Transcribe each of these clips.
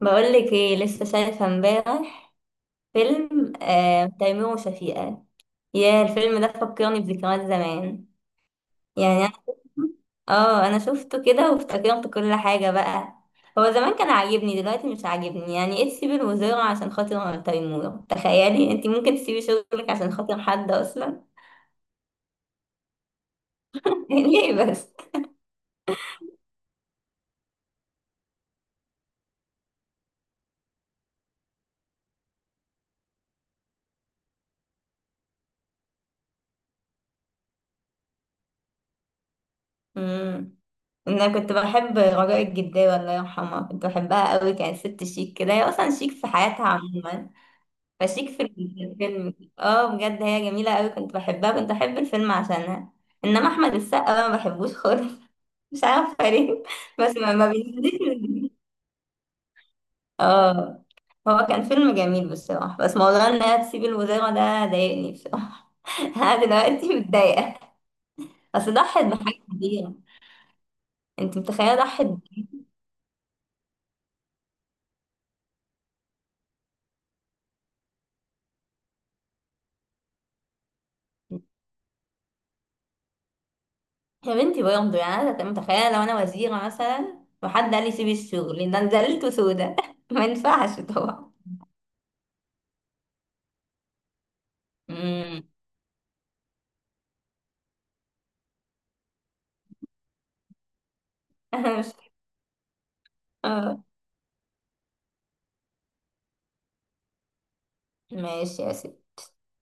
بقولك ايه، لسه شايفة امبارح فيلم آه تيمور وشفيقة. يا الفيلم ده فكرني بذكريات زمان. يعني انا اه انا شفته كده وافتكرت كل حاجة بقى. هو زمان كان عاجبني، دلوقتي مش عاجبني. يعني ايه تسيبي الوزارة عشان خاطر تيمور؟ تخيلي انتي ممكن تسيبي شغلك عشان خاطر حد اصلا؟ ليه بس؟ امم انا كنت بحب رجاء الجداوي، الله يرحمها، كنت بحبها قوي. كانت ست شيك كده، هي اصلا شيك في حياتها عموما. فشيك في الفيلم، اه بجد هي جميلة قوي، كنت بحبها، كنت بحب الفيلم عشانها. انما احمد السقا بقى ما بحبوش خالص. مش عارفة ليه. بس ما اه. هو كان فيلم جميل بصراحة، بس موضوع انها تسيب الوزارة ده ضايقني بصراحة. انا دلوقتي متضايقة، اصل ضحت بحاجة كبيرة. انت متخيلة ضحت؟ يا بنتي برضه، يعني انا متخيله لو انا وزيره مثلا وحد قال لي سيبي الشغل ده، أنا زعلت سودا. ما ينفعش طبعا. مش اه ماشي يا سيدي.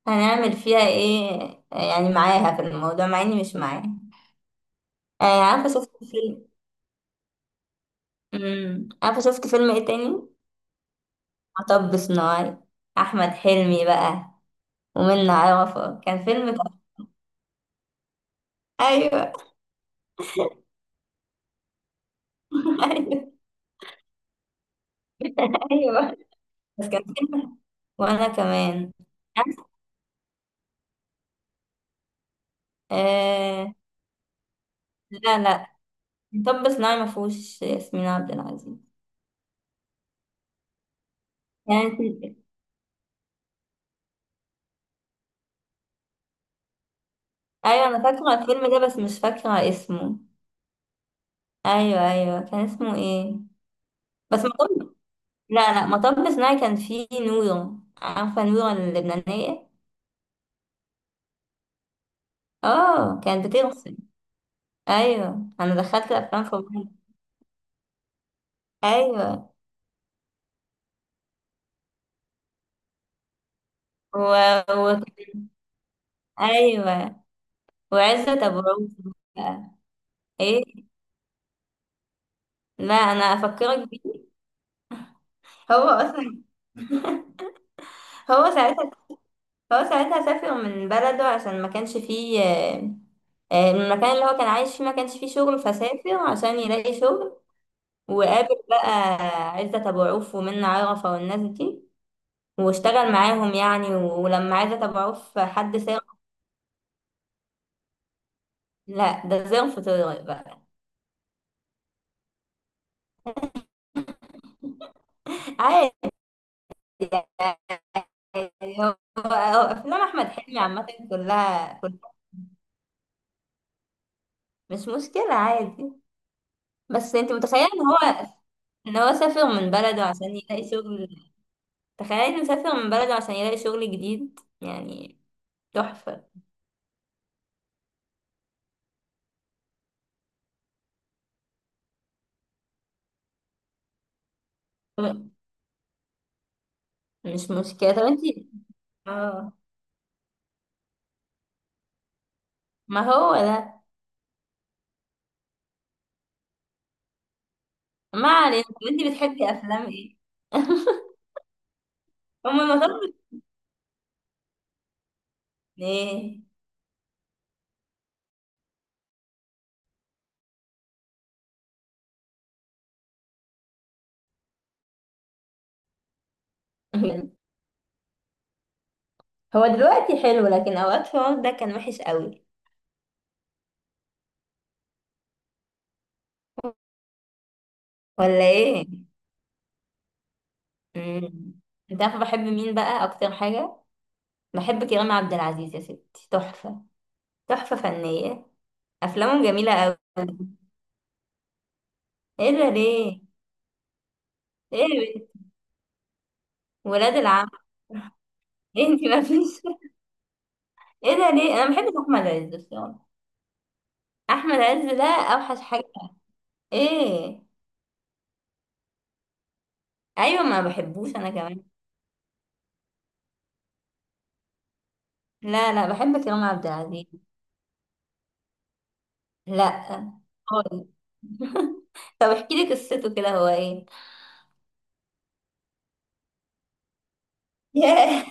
هنعمل فيها ايه يعني؟ معاها في الموضوع مع اني مش معاها. آه، عارفة شفت فيلم؟ عارفة شفت فيلم ايه تاني؟ مطب صناعي. احمد حلمي بقى ومنى عرفة. ايوه. ايوه ايوه. بس كان فيلم، وانا كمان. عارفة؟ آه. لا لا، مطب صناعي ما فيهوش ياسمين عبد العزيز. كانت. ايوه انا فاكرة الفيلم ده، بس مش فاكرة اسمه. ايوه ايوه، كان اسمه ايه؟ بس مطب لا لا، مطب صناعي كان فيه نورة، عارفة نورة اللبنانية؟ اه كانت بترسم. ايوه، انا دخلت الافلام في بعض. ايوه. و... و... ايوه، وعزت ابو عوف بقى. ايه؟ لا انا افكرك بيه. هو اصلا، هو ساعتها، هو ساعتها سافر من بلده عشان ما كانش فيه المكان اللي هو كان عايش فيه ما كانش فيه شغل، فسافر عشان يلاقي شغل. وقابل بقى عزت ابو عوف ومنة عرفة والناس دي، واشتغل معاهم يعني. ولما عايزة اتابعه في حد سام. لا ده زي في طارق بقى. عادي. يعني هو هو، افلام احمد حلمي عامة كلها كلها. مش مشكلة، عادي. بس انت متخيلة ان هو، ان هو سافر من بلده عشان يلاقي شغل؟ تخيلي انه سافر من بلده عشان يلاقي شغل جديد يعني. تحفة. مش مشكلة. طب انت، اه، ما هو ده. ما علينا، طب انت بتحبي افلام ايه؟ هم المفروض. ايه؟ مم. هو دلوقتي حلو، لكن اوقات فؤاد ده كان وحش قوي. ولا ايه؟ مم. انت عارفه بحب مين بقى اكتر حاجه؟ بحب كريم عبد العزيز يا ستي، تحفه. تحفه فنيه، افلامه جميله قوي. ايه ده ليه؟ ايه ده؟ ولاد العم. ايه، انت ما فيش. ايه ده ليه؟ انا ما بحبش احمد عز الصراحه. احمد عز ده اوحش حاجه. ايه. ايوه، ما بحبوش انا كمان. لا لا، بحب كريم عبد العزيز. لا خالص. طب احكي لي قصته كده، هو ايه؟ ياه.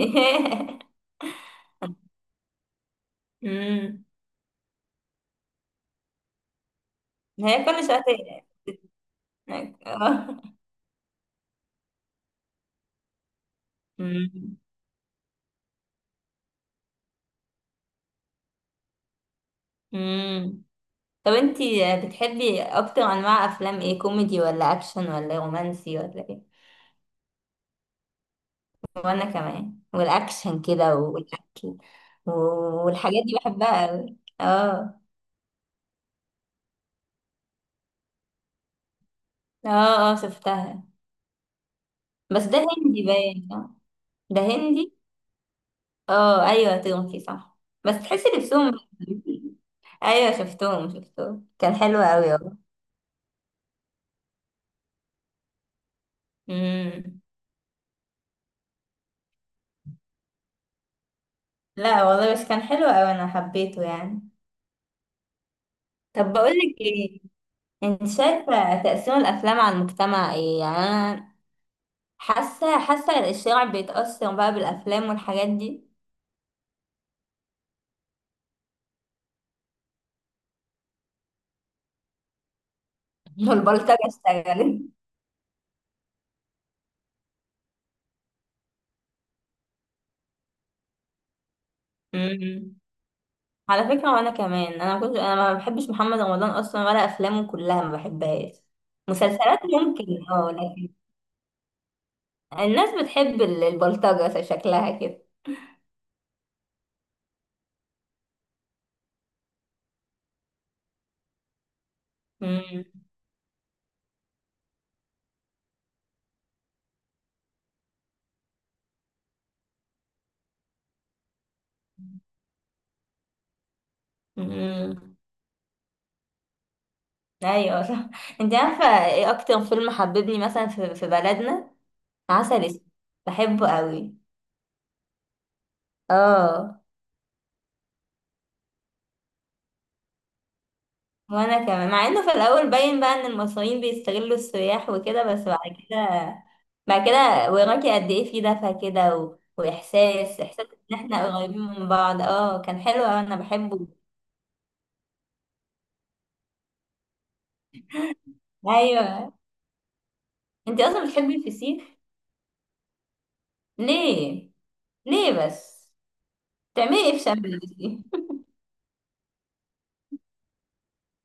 ياه. امم ما هي كل شوية تقلق. آه. مم. مم. طب انتي بتحبي اكتر انواع افلام ايه، كوميدي ولا اكشن ولا رومانسي ولا ايه؟ وانا كمان، والاكشن كده والاكل والحاجات دي بحبها قوي، اه. اه، اه شفتها. بس ده هندي باين، صح؟ ده هندي. اه ايوه، تركي صح. بس تحسي نفسهم ايوه شفتهم شفتهم، كان حلو قوي. والله. لا والله، بس كان حلو أوي أنا حبيته يعني. طب بقولك إيه، أنت شايفة تأثير الأفلام على المجتمع إيه؟ يعني أنا حاسة حاسة الشارع بيتأثر بقى بالأفلام والحاجات دي. والبلطجة اشتغلت. أمم. على فكرة وأنا كمان، أنا كنت، أنا ما بحبش محمد رمضان أصلا، ولا أفلامه كلها ما بحبهاش. مسلسلات ممكن، اه، لكن الناس بتحب البلطجة شكلها كده. أمم. أمم. ايوه صح. انت عارفه ايه اكتر فيلم حببني مثلا في بلدنا؟ عسل اسود، بحبه قوي. اه، وانا كمان، مع انه في الاول باين بقى ان المصريين بيستغلوا السياح وكده، بس بعد كده، بعد كده وراكي قد ايه في دفى كده واحساس احساس ان احنا قريبين من بعض، اه كان حلو أوي، انا بحبه. ايوه. انت اصلا بتحبي الفسيخ؟ ليه؟ ليه بس؟ تعملي ايه في شم النسيم؟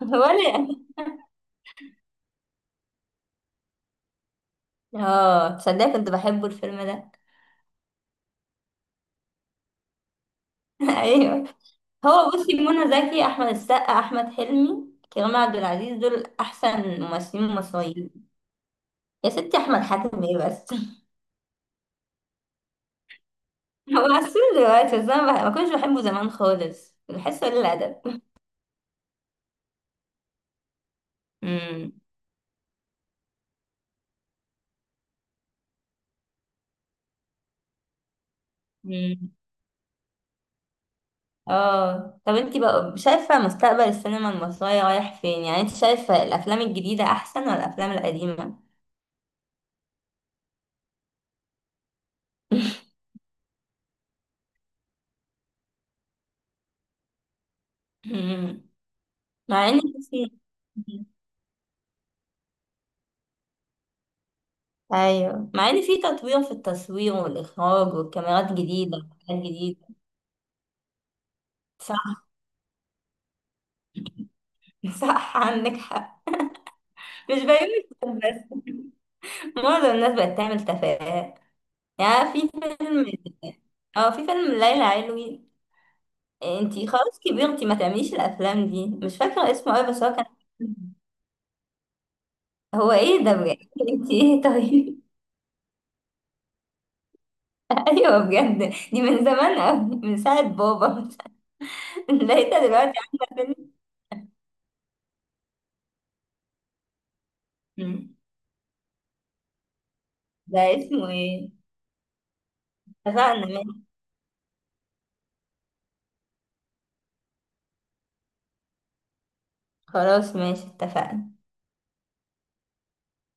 ولا يعني. اه تصدقي كنت بحبه الفيلم ده. ايوه. هو بصي منى زكي، احمد السقا، احمد حلمي، كريم عبد العزيز دول احسن ممثلين مصريين. يا ستي احمد حاتم ايه بس. هو عسول دلوقتي، بس انا ما كنتش بحبه زمان خالص، بحسه قليل الادب. امم أمم. اه طب انتي بقى شايفه مستقبل السينما المصريه رايح فين؟ يعني انت شايفه الافلام الجديده احسن ولا الافلام القديمه؟ أمم. مع ان بصي. ايوه، مع ان في تطوير في التصوير والاخراج والكاميرات جديده وحاجات جديده. صح. صح عندك حق. مش بيومي بس، معظم الناس بقت تعمل تفاهات. يعني في فيلم، اه في فيلم ليلى علوي. انتي خلاص كبرتي، ما تعمليش الافلام دي، مش فاكره اسمه ايه بس هو كان. هو ايه ده بجد؟ انتي ايه طيب. ايوه بجد، دي من زمان قوي، من ساعه بابا. لقيتها دلوقتي عامله فيلم. مم. ده اسمه ايه؟ اتفقنا. خلاص ماشي، اتفقنا.